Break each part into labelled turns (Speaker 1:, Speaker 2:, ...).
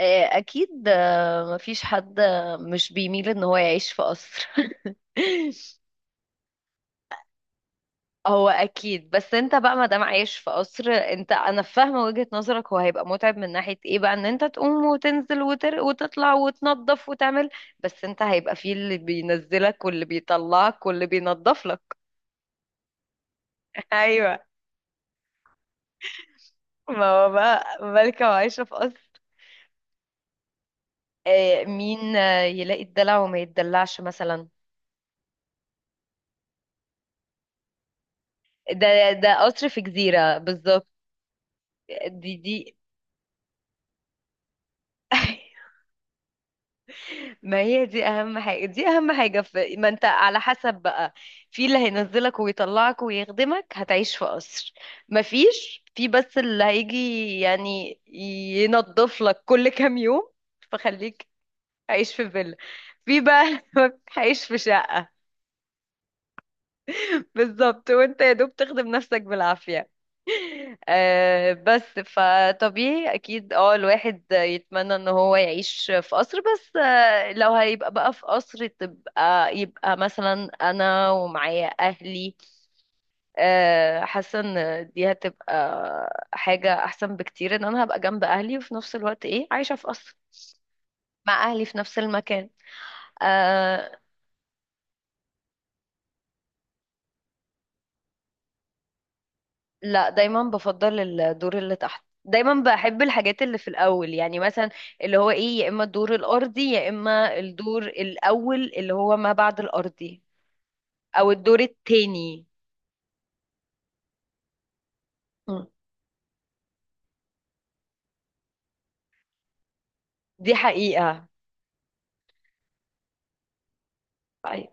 Speaker 1: اكيد، مفيش حد مش بيميل ان هو يعيش في قصر. هو اكيد، بس انت بقى ما دام عايش في قصر، انت انا فاهمه وجهة نظرك. هو هيبقى متعب من ناحيه ايه بقى؟ ان انت تقوم وتنزل وتطلع وتنظف وتعمل. بس انت هيبقى فيه اللي بينزلك واللي بيطلعك واللي بينظف لك. ايوه. ما هو بقى مالكه وعايشه في قصر. مين يلاقي الدلع وما يتدلعش مثلا؟ ده قصر في جزيره بالظبط. دي دي ما هي دي اهم حاجة، في ما انت على حسب بقى. في اللي هينزلك ويطلعك ويخدمك، هتعيش في قصر. ما فيش، في بس اللي هيجي يعني ينظف لك كل كام يوم فخليك عايش في فيلا. في بقى هيعيش في شقة. بالظبط، وانت يا دوب تخدم نفسك بالعافية. آه بس فطبيعي اكيد، الواحد يتمنى ان هو يعيش في قصر، بس لو هيبقى بقى في قصر، تبقى يبقى مثلا انا ومعايا اهلي. حاسة ان دي هتبقى حاجة احسن بكتير، ان انا هبقى جنب اهلي وفي نفس الوقت ايه عايشة في قصر مع اهلي في نفس المكان. آه، لا، دايما بفضل الدور اللي تحت. دايما بحب الحاجات اللي في الاول، يعني مثلا اللي هو ايه، يا اما الدور الارضي، يا اما الدور الاول اللي هو ما بعد الارضي، او الدور التاني. م. دي حقيقة. أيوة.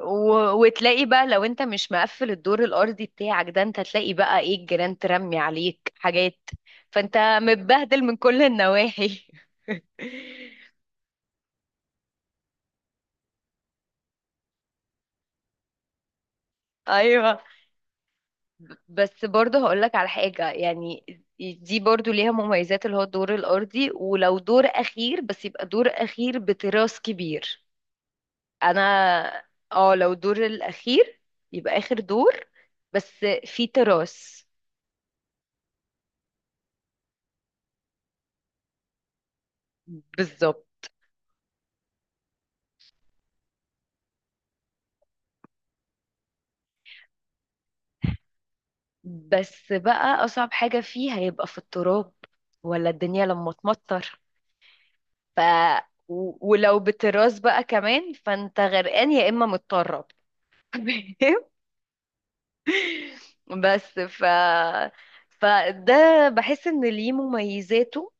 Speaker 1: و... وتلاقي بقى لو انت مش مقفل الدور الارضي بتاعك ده، انت تلاقي بقى ايه، الجيران ترمي عليك حاجات، فانت متبهدل من كل النواحي. ايوه. بس برضه هقولك على حاجة، يعني دي برضه ليها مميزات، اللي هو الدور الأرضي، ولو دور أخير بس يبقى دور أخير بتراس كبير. أنا اه لو دور الأخير، يبقى آخر دور بس في تراس. بالظبط. بس بقى أصعب حاجة فيه هيبقى في التراب، ولا الدنيا لما تمطر. ف ولو بتراس بقى كمان فانت غرقان يا إما متطرب. بس فده بحس ان ليه مميزاته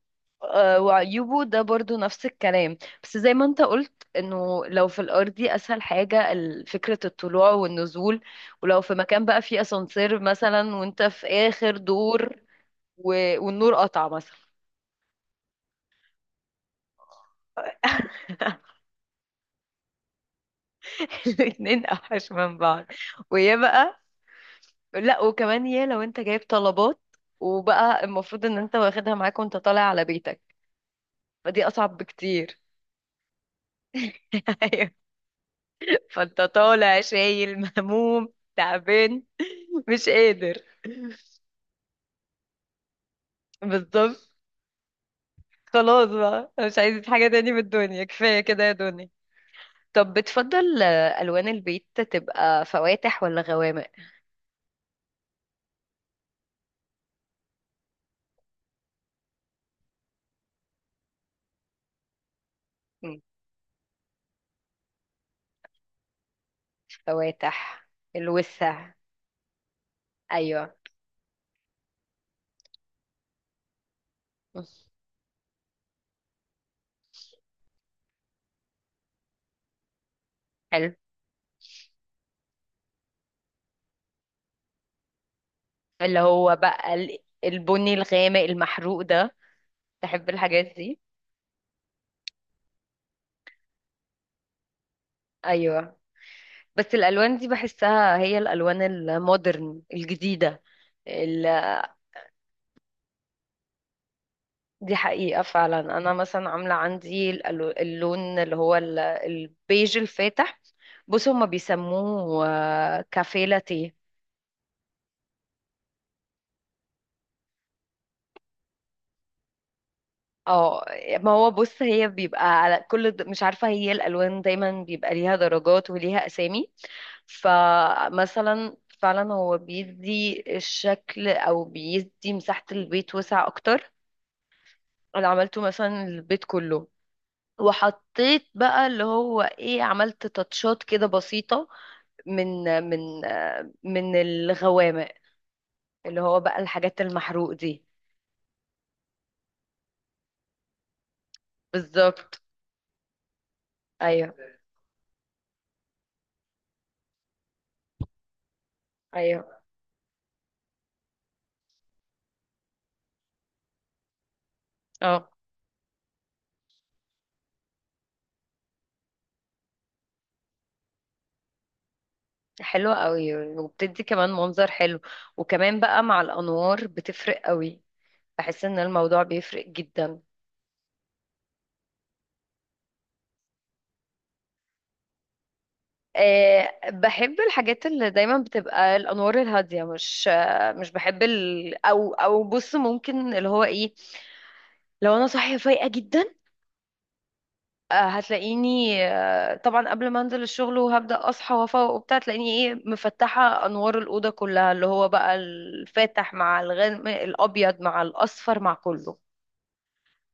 Speaker 1: وعيوبه. ده برضو نفس الكلام، بس زي ما انت قلت انه لو في الارضي اسهل حاجة فكرة الطلوع والنزول. ولو في مكان بقى فيه اسانسير مثلا وانت في اخر دور، و... والنور قطع مثلا. الاتنين اوحش من بعض. ويا بقى، لا وكمان، يا لو انت جايب طلبات وبقى المفروض ان انت واخدها معاك وانت طالع على بيتك، فدي اصعب بكتير. ايوه. فانت طالع شايل مهموم تعبان مش قادر. بالظبط. خلاص بقى أنا مش عايز حاجة تاني من الدنيا، كفاية كده يا دنيا. طب، بتفضل ألوان البيت تبقى فواتح ولا غوامق؟ مم. فواتح، الوسع. أيوة. حلو. اللي هو بقى البني الغامق المحروق ده. تحب الحاجات دي. أيوة. بس الألوان دي بحسها هي الألوان المودرن الجديدة ال- دي حقيقة فعلا. أنا مثلا عاملة عندي اللون اللي هو البيج الفاتح. بص هما بيسموه كافيه لاتيه. اه. ما هو بص، هي بيبقى على كل مش عارفة، هي الألوان دايما بيبقى ليها درجات وليها أسامي، فمثلا فعلا هو بيدي الشكل أو بيدي مساحة البيت وسع أكتر. أنا عملته مثلا البيت كله، وحطيت بقى اللي هو ايه، عملت تاتشات كده بسيطة من من من الغوامق، اللي هو بقى الحاجات المحروق دي. بالظبط. ايوه ايوه، اه. حلوة قوي، وبتدي كمان منظر حلو. وكمان بقى مع الانوار بتفرق قوي، بحس ان الموضوع بيفرق جدا. أه، بحب الحاجات اللي دايما بتبقى الانوار الهاديه، مش مش بحب او او بص، ممكن اللي هو ايه، لو انا صاحيه فايقه جدا، هتلاقيني طبعا قبل ما انزل الشغل وهبدأ اصحى وافوق وبتاع، تلاقيني ايه، مفتحة انوار الأوضة كلها، اللي هو بقى الفاتح مع الغامق، الابيض مع الاصفر مع كله،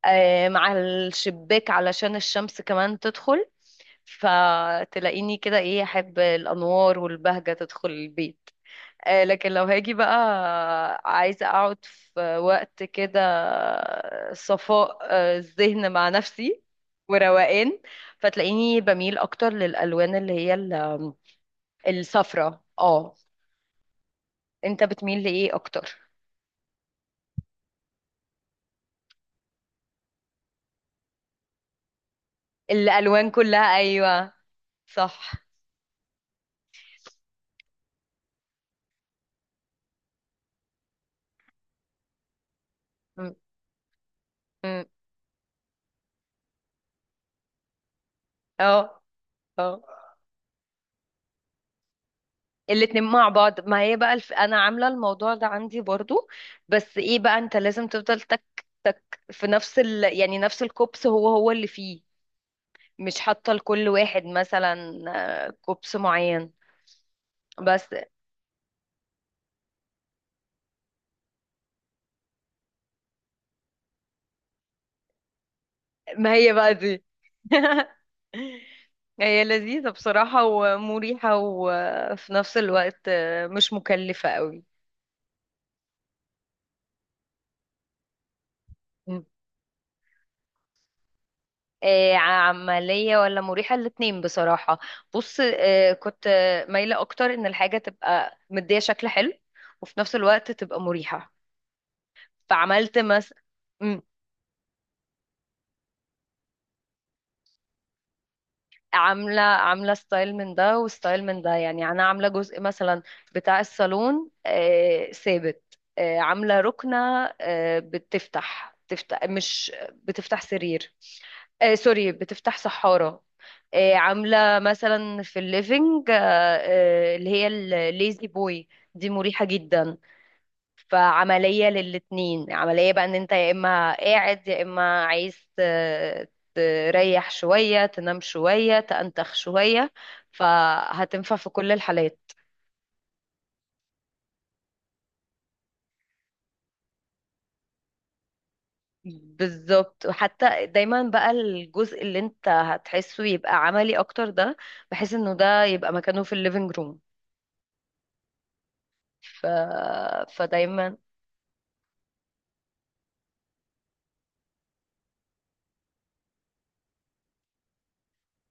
Speaker 1: مع الشباك علشان الشمس كمان تدخل، فتلاقيني كده ايه، احب الانوار والبهجة تدخل البيت. لكن لو هاجي بقى عايزة أقعد في وقت كده صفاء الذهن مع نفسي وروقان، فتلاقيني بميل أكتر للألوان اللي هي الصفرة. اه. انت بتميل لإيه أكتر؟ الألوان كلها، أيوة، صح. م- م. اه اه. الاتنين مع بعض، ما هي بقى انا عامله الموضوع ده عندي برضو، بس ايه بقى، انت لازم تفضل تك تك في نفس يعني نفس الكوبس هو هو اللي فيه، مش حاطه لكل واحد مثلا كوبس معين بس. ما هي بقى دي. هي لذيذه بصراحه ومريحه، وفي نفس الوقت مش مكلفه قوي. عملية ولا مريحة، الاتنين بصراحة. بص، كنت مايلة أكتر إن الحاجة تبقى مدية شكل حلو، وفي نفس الوقت تبقى مريحة. فعملت مم، عاملة ستايل من ده وستايل من ده. يعني أنا عاملة جزء مثلا بتاع الصالون ثابت، عاملة ركنة، بتفتح مش بتفتح سرير. سوري، بتفتح سحارة. عاملة مثلا في الليفينج اللي هي الليزي بوي، دي مريحة جدا. فعملية للاتنين، عملية بقى ان انت يا اما قاعد يا اما عايز تريح شوية، تنام شوية، تأنتخ شوية، فهتنفع في كل الحالات. بالظبط. وحتى دايما بقى الجزء اللي انت هتحسه يبقى عملي اكتر ده، بحيث انه ده يبقى مكانه في الليفينج روم، ف... فدايما.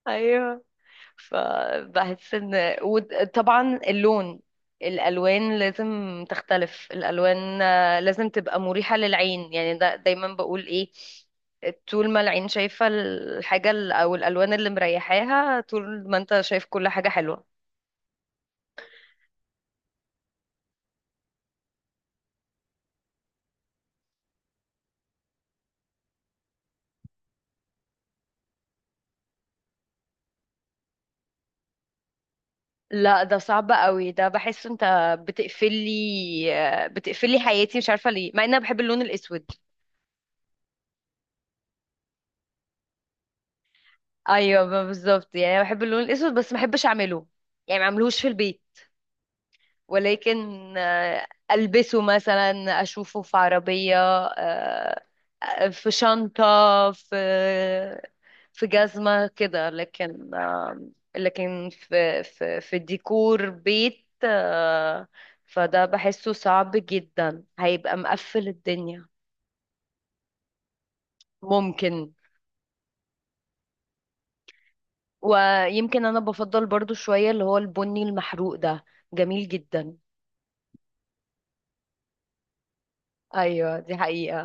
Speaker 1: ايوه. فبحس ان، وطبعا اللون، الالوان لازم تختلف. الالوان لازم تبقى مريحة للعين، يعني ده دايما بقول ايه، طول ما العين شايفة الحاجة او الالوان اللي مريحاها، طول ما انت شايف كل حاجة حلوة. لا، ده صعب قوي، ده بحس انت بتقفلي بتقفلي حياتي، مش عارفة ليه، مع ان انا بحب اللون الاسود. ايوه بالظبط، يعني انا بحب اللون الاسود بس ما بحبش اعمله، يعني ما اعملهوش في البيت. ولكن ألبسه مثلا، أشوفه في عربية، آه، في شنطة، في في جزمة كده، لكن لكن في ديكور بيت فده بحسه صعب جدا، هيبقى مقفل الدنيا. ممكن. ويمكن أنا بفضل برضو شوية اللي هو البني المحروق ده، جميل جدا. أيوة، دي حقيقة.